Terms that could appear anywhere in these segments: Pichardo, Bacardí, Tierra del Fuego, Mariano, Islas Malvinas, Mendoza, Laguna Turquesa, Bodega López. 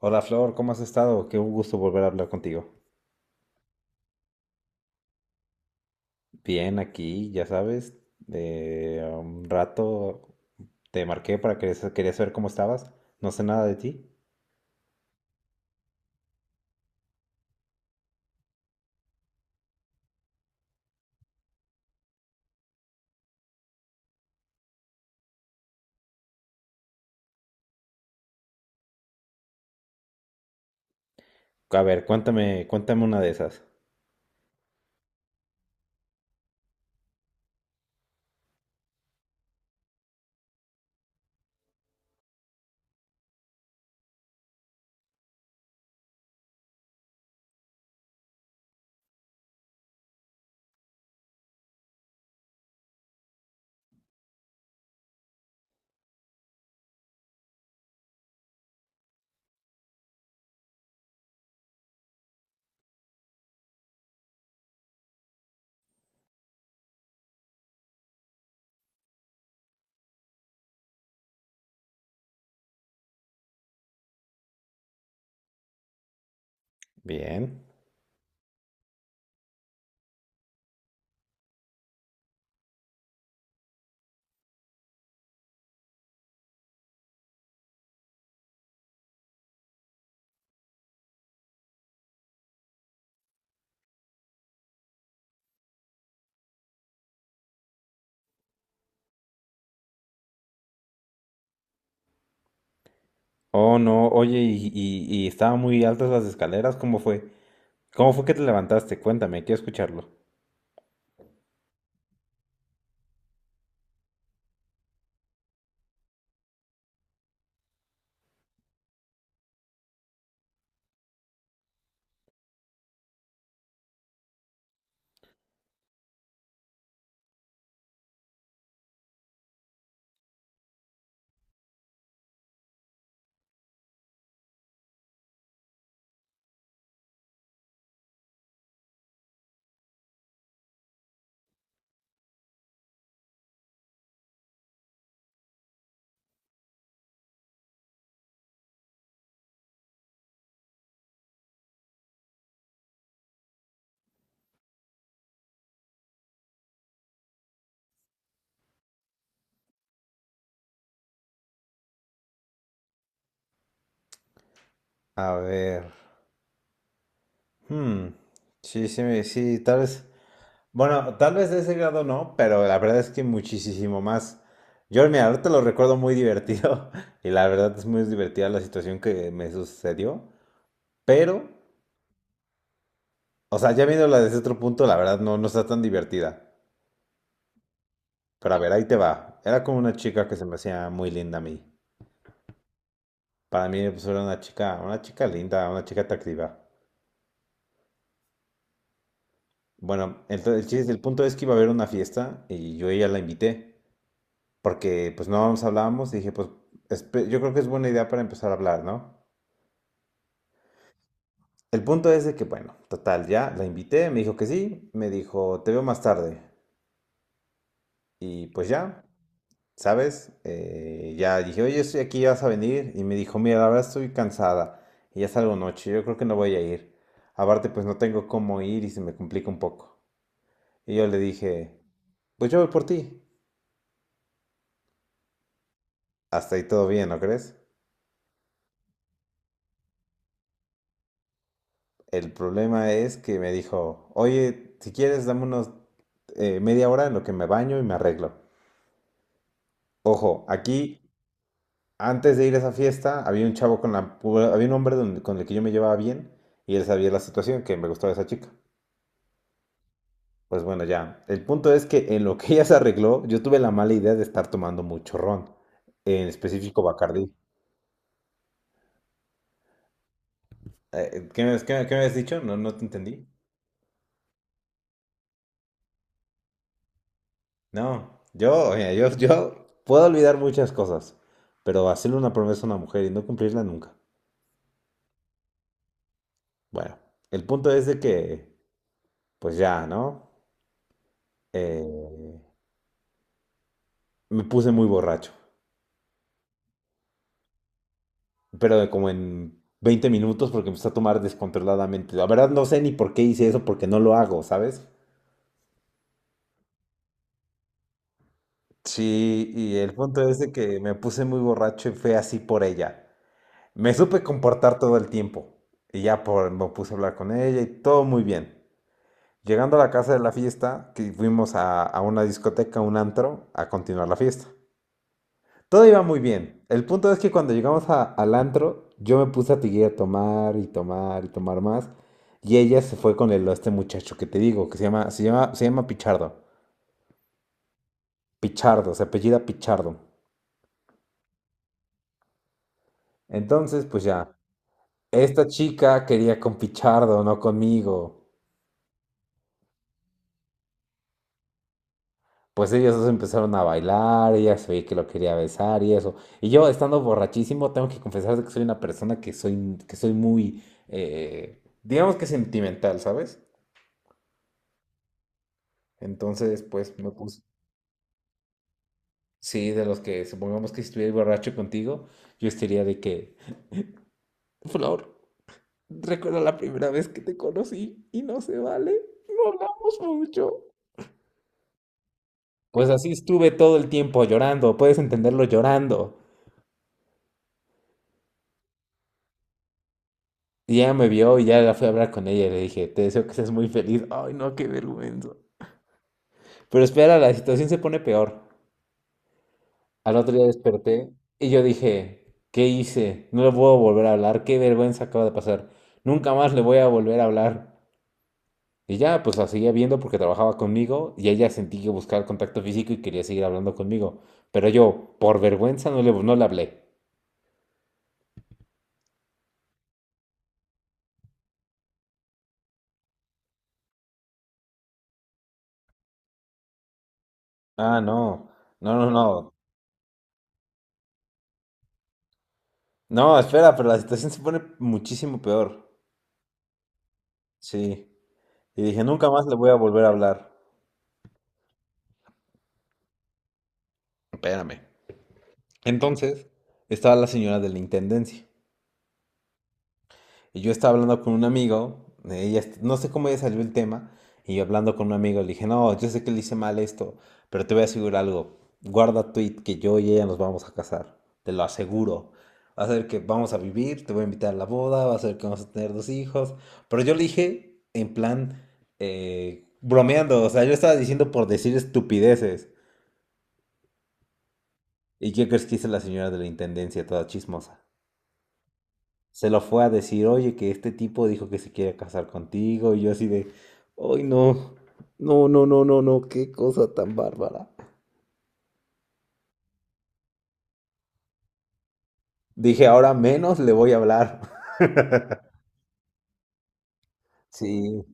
Hola Flor, ¿cómo has estado? Qué un gusto volver a hablar contigo. Bien, aquí, ya sabes, de un rato te marqué para que quería saber cómo estabas. No sé nada de ti. A ver, cuéntame una de esas. Bien. Oh, no, oye, y estaban muy altas las escaleras, ¿cómo fue? ¿Cómo fue que te levantaste? Cuéntame, quiero escucharlo. A ver. Hmm. Sí, sí, tal vez. Bueno, tal vez de ese grado no, pero la verdad es que muchísimo más. Yo, mira, ahorita lo recuerdo muy divertido y la verdad es muy divertida la situación que me sucedió, pero, o sea, ya viéndola desde otro punto, la verdad no, no está tan divertida. Pero a ver, ahí te va. Era como una chica que se me hacía muy linda a mí. Para mí, pues era una chica linda, una chica atractiva. Bueno, entonces el chiste, el punto es que iba a haber una fiesta y yo a ella la invité, porque pues no nos hablábamos y dije, pues yo creo que es buena idea para empezar a hablar, ¿no? El punto es de que, bueno, total, ya la invité, me dijo que sí, me dijo, te veo más tarde. Y pues ya, ¿sabes? Ya dije, oye, estoy aquí, vas a venir. Y me dijo, mira, la verdad estoy cansada y ya salgo noche, yo creo que no voy a ir. Aparte, pues no tengo cómo ir y se me complica un poco. Y yo le dije, pues yo voy por ti. Hasta ahí todo bien, ¿no crees? El problema es que me dijo, oye, si quieres, dame unos media hora en lo que me baño y me arreglo. Ojo, aquí antes de ir a esa fiesta, había un chavo con la... había un hombre con el que yo me llevaba bien y él sabía la situación, que me gustaba esa chica. Pues bueno, ya. El punto es que en lo que ella se arregló, yo tuve la mala idea de estar tomando mucho ron, en específico Bacardí. ¿Qué me, qué me has dicho? No, no te entendí. No, yo, mira, yo puedo olvidar muchas cosas, pero hacerle una promesa a una mujer y no cumplirla nunca. Bueno, el punto es de que, pues ya, ¿no? Eh, Me puse muy borracho, pero de como en 20 minutos porque empecé a tomar descontroladamente. La verdad no sé ni por qué hice eso, porque no lo hago, ¿sabes? Sí, y el punto es de que me puse muy borracho y fue así por ella. Me supe comportar todo el tiempo. Y ya por, me puse a hablar con ella y todo muy bien. Llegando a la casa de la fiesta, que fuimos a una discoteca, un antro, a continuar la fiesta. Todo iba muy bien. El punto es que cuando llegamos al antro, yo me puse a seguir a tomar y tomar y tomar más. Y ella se fue con el, este muchacho que te digo, que se llama Pichardo. Pichardo, se apellida Pichardo. Entonces, pues ya, esta chica quería con Pichardo, no conmigo. Pues ellos dos empezaron a bailar, ella se veía que lo quería besar y eso. Y yo, estando borrachísimo, tengo que confesar que soy una persona que soy muy, digamos que sentimental, ¿sabes? Entonces, pues me puse, sí, de los que supongamos que si estuviera borracho contigo, yo estaría de que, Flor, recuerda la primera vez que te conocí y no se vale, no hablamos mucho. Pues así estuve todo el tiempo llorando, puedes entenderlo llorando. Y ya me vio y ya la fui a hablar con ella y le dije, te deseo que seas muy feliz. Ay, no, qué vergüenza. Pero espera, la situación se pone peor. Al otro día desperté y yo dije, ¿qué hice? No le puedo volver a hablar, qué vergüenza acaba de pasar. Nunca más le voy a volver a hablar. Y ya, pues la seguía viendo porque trabajaba conmigo y ella sentí que buscaba el contacto físico y quería seguir hablando conmigo. Pero yo, por vergüenza, no le hablé. Ah, no, no, no, no. No, espera, pero la situación se pone muchísimo peor. Sí. Y dije, nunca más le voy a volver a hablar. Espérame. Entonces, estaba la señora de la intendencia. Y yo estaba hablando con un amigo, ella, no sé cómo ella salió el tema, y yo hablando con un amigo le dije, no, yo sé que le hice mal esto, pero te voy a asegurar algo, guarda tweet que yo y ella nos vamos a casar, te lo aseguro. Va a ser que vamos a vivir, te voy a invitar a la boda, va a ser que vamos a tener dos hijos. Pero yo le dije en plan bromeando, o sea, yo estaba diciendo por decir estupideces. ¿Y qué crees que hizo la señora de la intendencia, toda chismosa? Se lo fue a decir, oye, que este tipo dijo que se quiere casar contigo, y yo así de, ay, no, no, no, no, no, no, qué cosa tan bárbara. Dije, ahora menos le voy a hablar. Sí,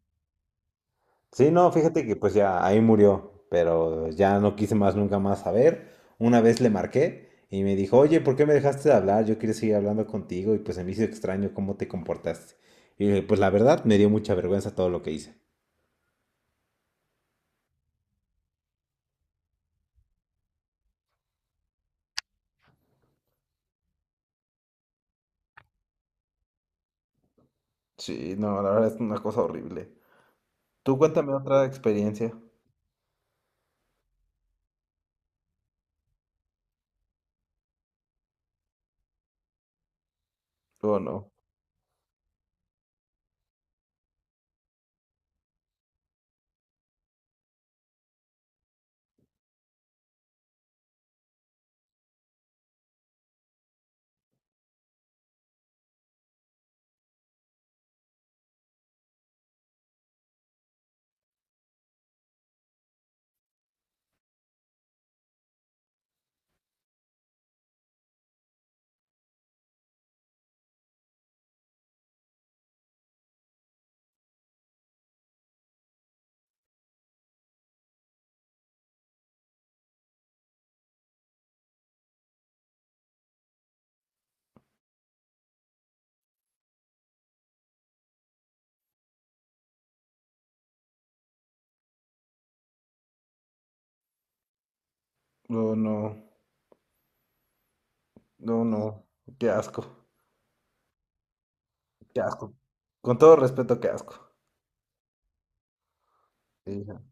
sí, no, fíjate que pues ya ahí murió, pero ya no quise más nunca más saber. Una vez le marqué y me dijo, oye, ¿por qué me dejaste de hablar? Yo quería seguir hablando contigo y pues se me hizo extraño cómo te comportaste. Y le dije, pues la verdad me dio mucha vergüenza todo lo que hice. Sí, no, la verdad es una cosa horrible. Tú cuéntame otra experiencia. Oh, no. No, no. No, no. Qué asco. Qué asco. Con todo respeto, qué asco. Sí, no,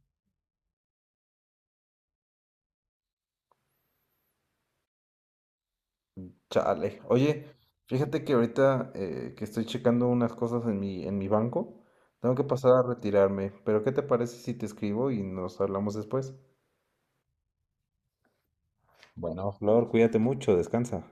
chale. Oye, fíjate que ahorita que estoy checando unas cosas en mi banco, tengo que pasar a retirarme. Pero ¿qué te parece si te escribo y nos hablamos después? Bueno, Flor, cuídate mucho, descansa.